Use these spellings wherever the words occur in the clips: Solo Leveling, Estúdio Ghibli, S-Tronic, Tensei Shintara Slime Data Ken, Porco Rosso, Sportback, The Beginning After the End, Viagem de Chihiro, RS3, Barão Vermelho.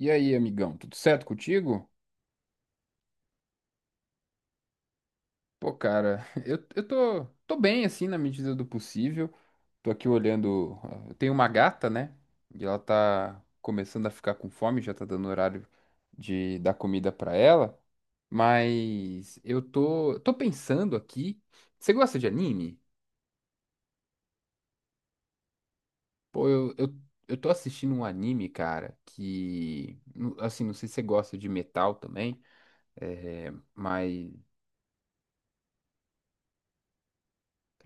E aí, amigão, tudo certo contigo? Pô, cara, eu tô bem, assim, na medida do possível. Tô aqui olhando. Eu tenho uma gata, né? E ela tá começando a ficar com fome, já tá dando horário de dar comida pra ela. Mas eu tô pensando aqui. Você gosta de anime? Pô, eu tô assistindo um anime, cara, que. Assim, não sei se você gosta de metal também, mas.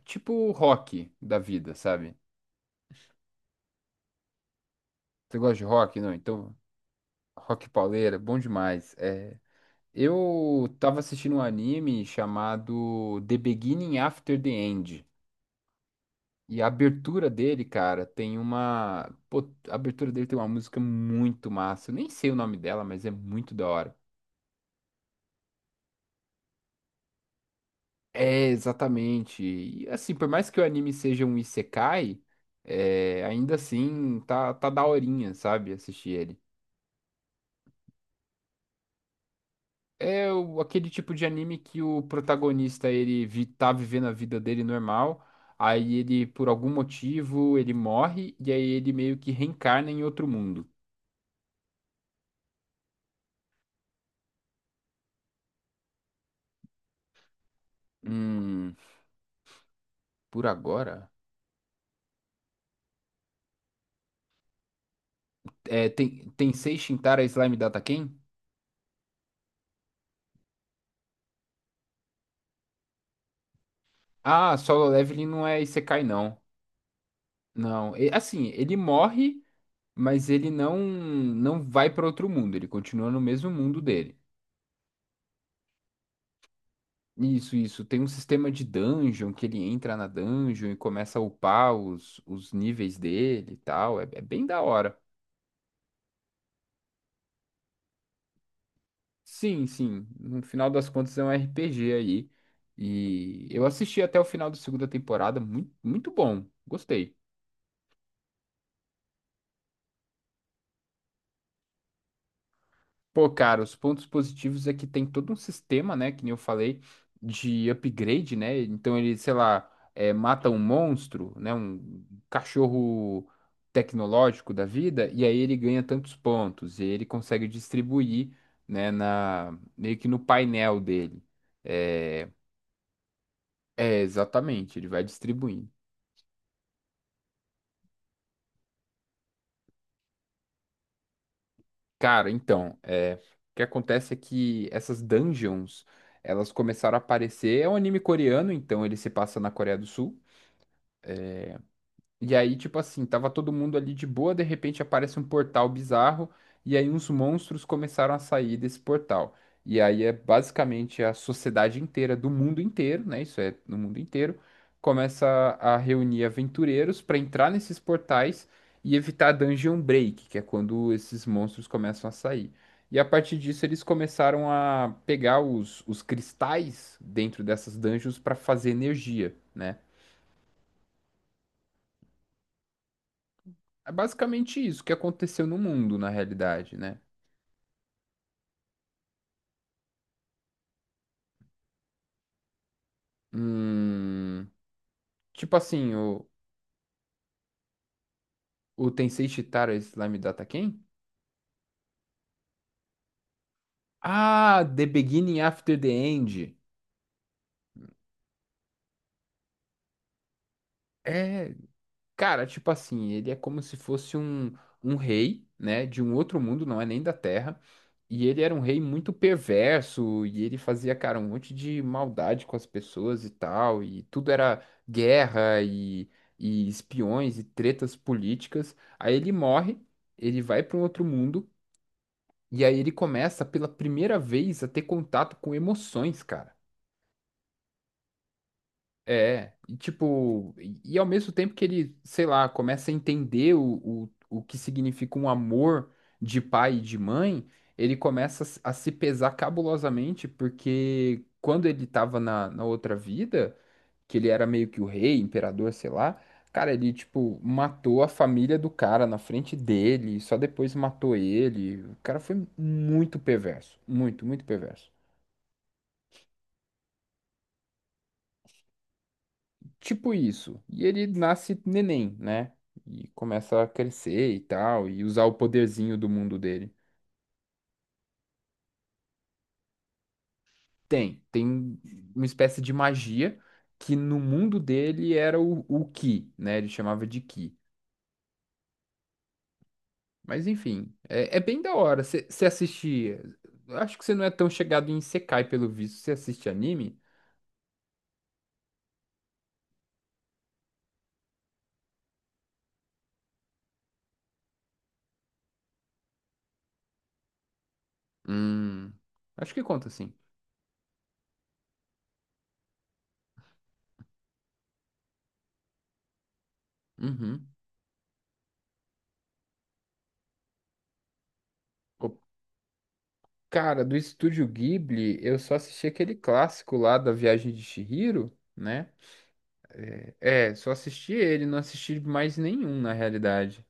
Tipo rock da vida, sabe? Você gosta de rock? Não, então rock pauleira, bom demais. É, eu tava assistindo um anime chamado The Beginning After the End. E a abertura dele, cara, tem uma. Pô, a abertura dele tem uma música muito massa. Eu nem sei o nome dela, mas é muito da hora. É, exatamente. E assim, por mais que o anime seja um isekai, ainda assim tá daorinha, sabe? Assistir ele. Aquele tipo de anime que o protagonista tá vivendo a vida dele normal, aí ele por algum motivo ele morre e aí ele meio que reencarna em outro mundo. Hum, por agora. É, tem Tensei Shintara Slime Data Ken? Ah, Solo Leveling não é Isekai não. Não, assim, ele morre, mas ele não vai para outro mundo, ele continua no mesmo mundo dele. Isso, isso. Tem um sistema de dungeon que ele entra na dungeon e começa a upar os níveis dele e tal. É, é bem da hora. Sim, sim. No final das contas é um RPG aí. E eu assisti até o final da segunda temporada. Muito, muito bom. Gostei. Pô, cara, os pontos positivos é que tem todo um sistema, né, que nem eu falei, de upgrade, né? Então ele, sei lá, é, mata um monstro, né, um cachorro tecnológico da vida, e aí ele ganha tantos pontos, e ele consegue distribuir, né, na, meio que no painel dele. É, exatamente, ele vai distribuindo. Cara, então, é, o que acontece é que essas dungeons, elas começaram a aparecer, é um anime coreano, então ele se passa na Coreia do Sul. E aí, tipo assim, tava todo mundo ali de boa, de repente aparece um portal bizarro, e aí uns monstros começaram a sair desse portal. E aí é basicamente a sociedade inteira, do mundo inteiro, né? Isso é, no mundo inteiro, começa a reunir aventureiros para entrar nesses portais e evitar dungeon break, que é quando esses monstros começam a sair. E a partir disso, eles começaram a pegar os cristais dentro dessas dungeons para fazer energia, né? É basicamente isso que aconteceu no mundo, na realidade, né? Hum, tipo assim, o Tensei Chitara Slime Data quem? Ah, The Beginning After the End. É, cara, tipo assim, ele é como se fosse um rei, né, de um outro mundo, não é nem da Terra. E ele era um rei muito perverso, e ele fazia, cara, um monte de maldade com as pessoas e tal, e tudo era guerra e espiões e tretas políticas. Aí ele morre, ele vai para um outro mundo, e aí ele começa pela primeira vez a ter contato com emoções, cara. É, e tipo, e ao mesmo tempo que ele, sei lá, começa a entender o que significa um amor de pai e de mãe, ele começa a, se pesar cabulosamente, porque quando ele tava na, na outra vida, que ele era meio que o rei, imperador, sei lá, cara, ele, tipo, matou a família do cara na frente dele, só depois matou ele. O cara foi muito perverso, muito, muito perverso. Tipo isso. E ele nasce neném, né? E começa a crescer e tal, e usar o poderzinho do mundo dele. Tem uma espécie de magia que no mundo dele era o Ki, né? Ele chamava de Ki. Mas enfim, é, é bem da hora. Você assiste. Eu Acho que você não é tão chegado em Sekai, pelo visto. Você assiste anime? Hum. Acho que conta sim. Uhum. Pô, cara, do Estúdio Ghibli, eu só assisti aquele clássico lá da Viagem de Chihiro, né? É, é, só assisti ele, não assisti mais nenhum na realidade.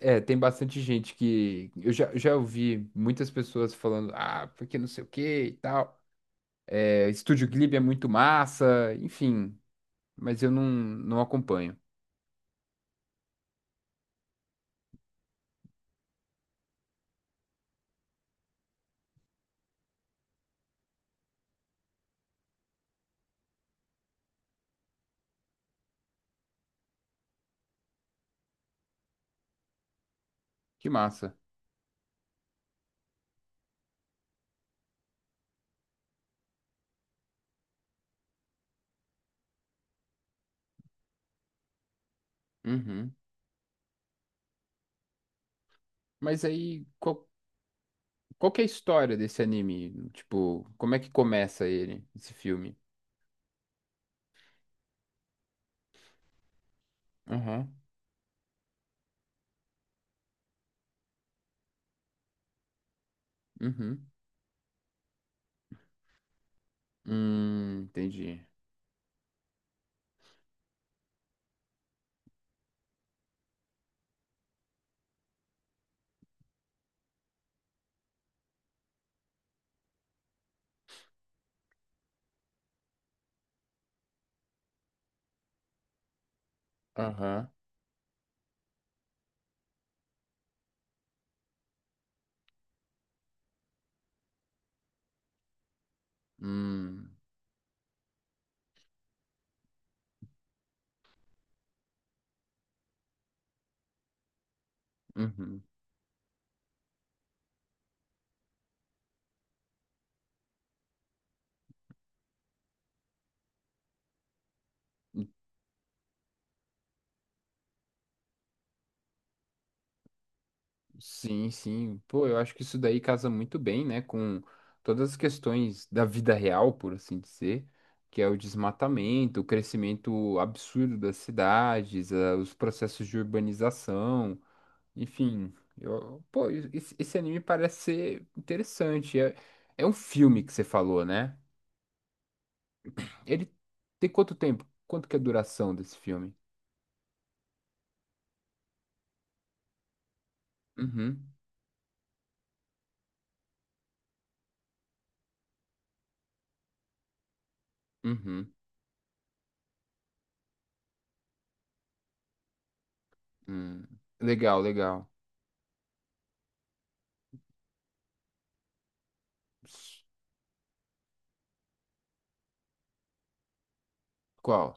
É, tem bastante gente que. Eu já ouvi muitas pessoas falando, ah, porque não sei o que e tal. É, Estúdio Ghibli é muito massa, enfim. Mas eu não acompanho. Que massa. Uhum. Mas aí, qual que é a história desse anime? Tipo, como é que começa ele, esse filme? Aham. Uhum. Entendi. Aham. Hum. Uhum. Sim, sim. Pô, eu acho que isso daí casa muito bem, né, com todas as questões da vida real, por assim dizer, que é o desmatamento, o crescimento absurdo das cidades, os processos de urbanização, enfim. Pô, esse anime parece ser interessante. É, é um filme que você falou, né? Ele tem quanto tempo? Quanto que é a duração desse filme? Uhum, uhum. Hum. Legal, legal. Qual?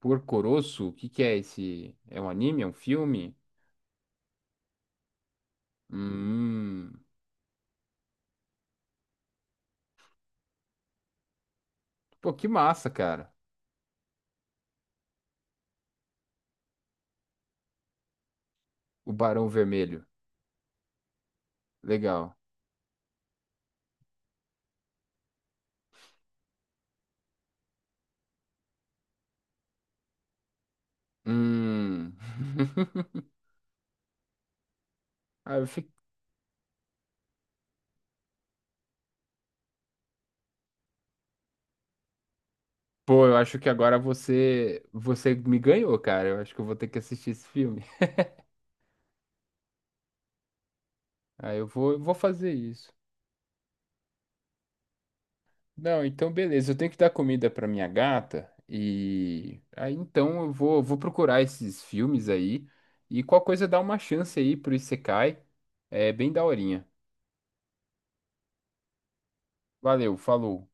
Porco Rosso? O que que é esse? É um anime? É um filme? Hum. Pô, que massa, cara. O Barão Vermelho. Legal. Hum. Ah, pô, eu acho que agora você me ganhou, cara. Eu acho que eu vou ter que assistir esse filme. Ah, eu vou fazer isso. Não, então beleza. Eu tenho que dar comida pra minha gata e aí então eu vou procurar esses filmes aí e qual coisa dá uma chance aí pro Isekai. É bem daorinha. Valeu, falou.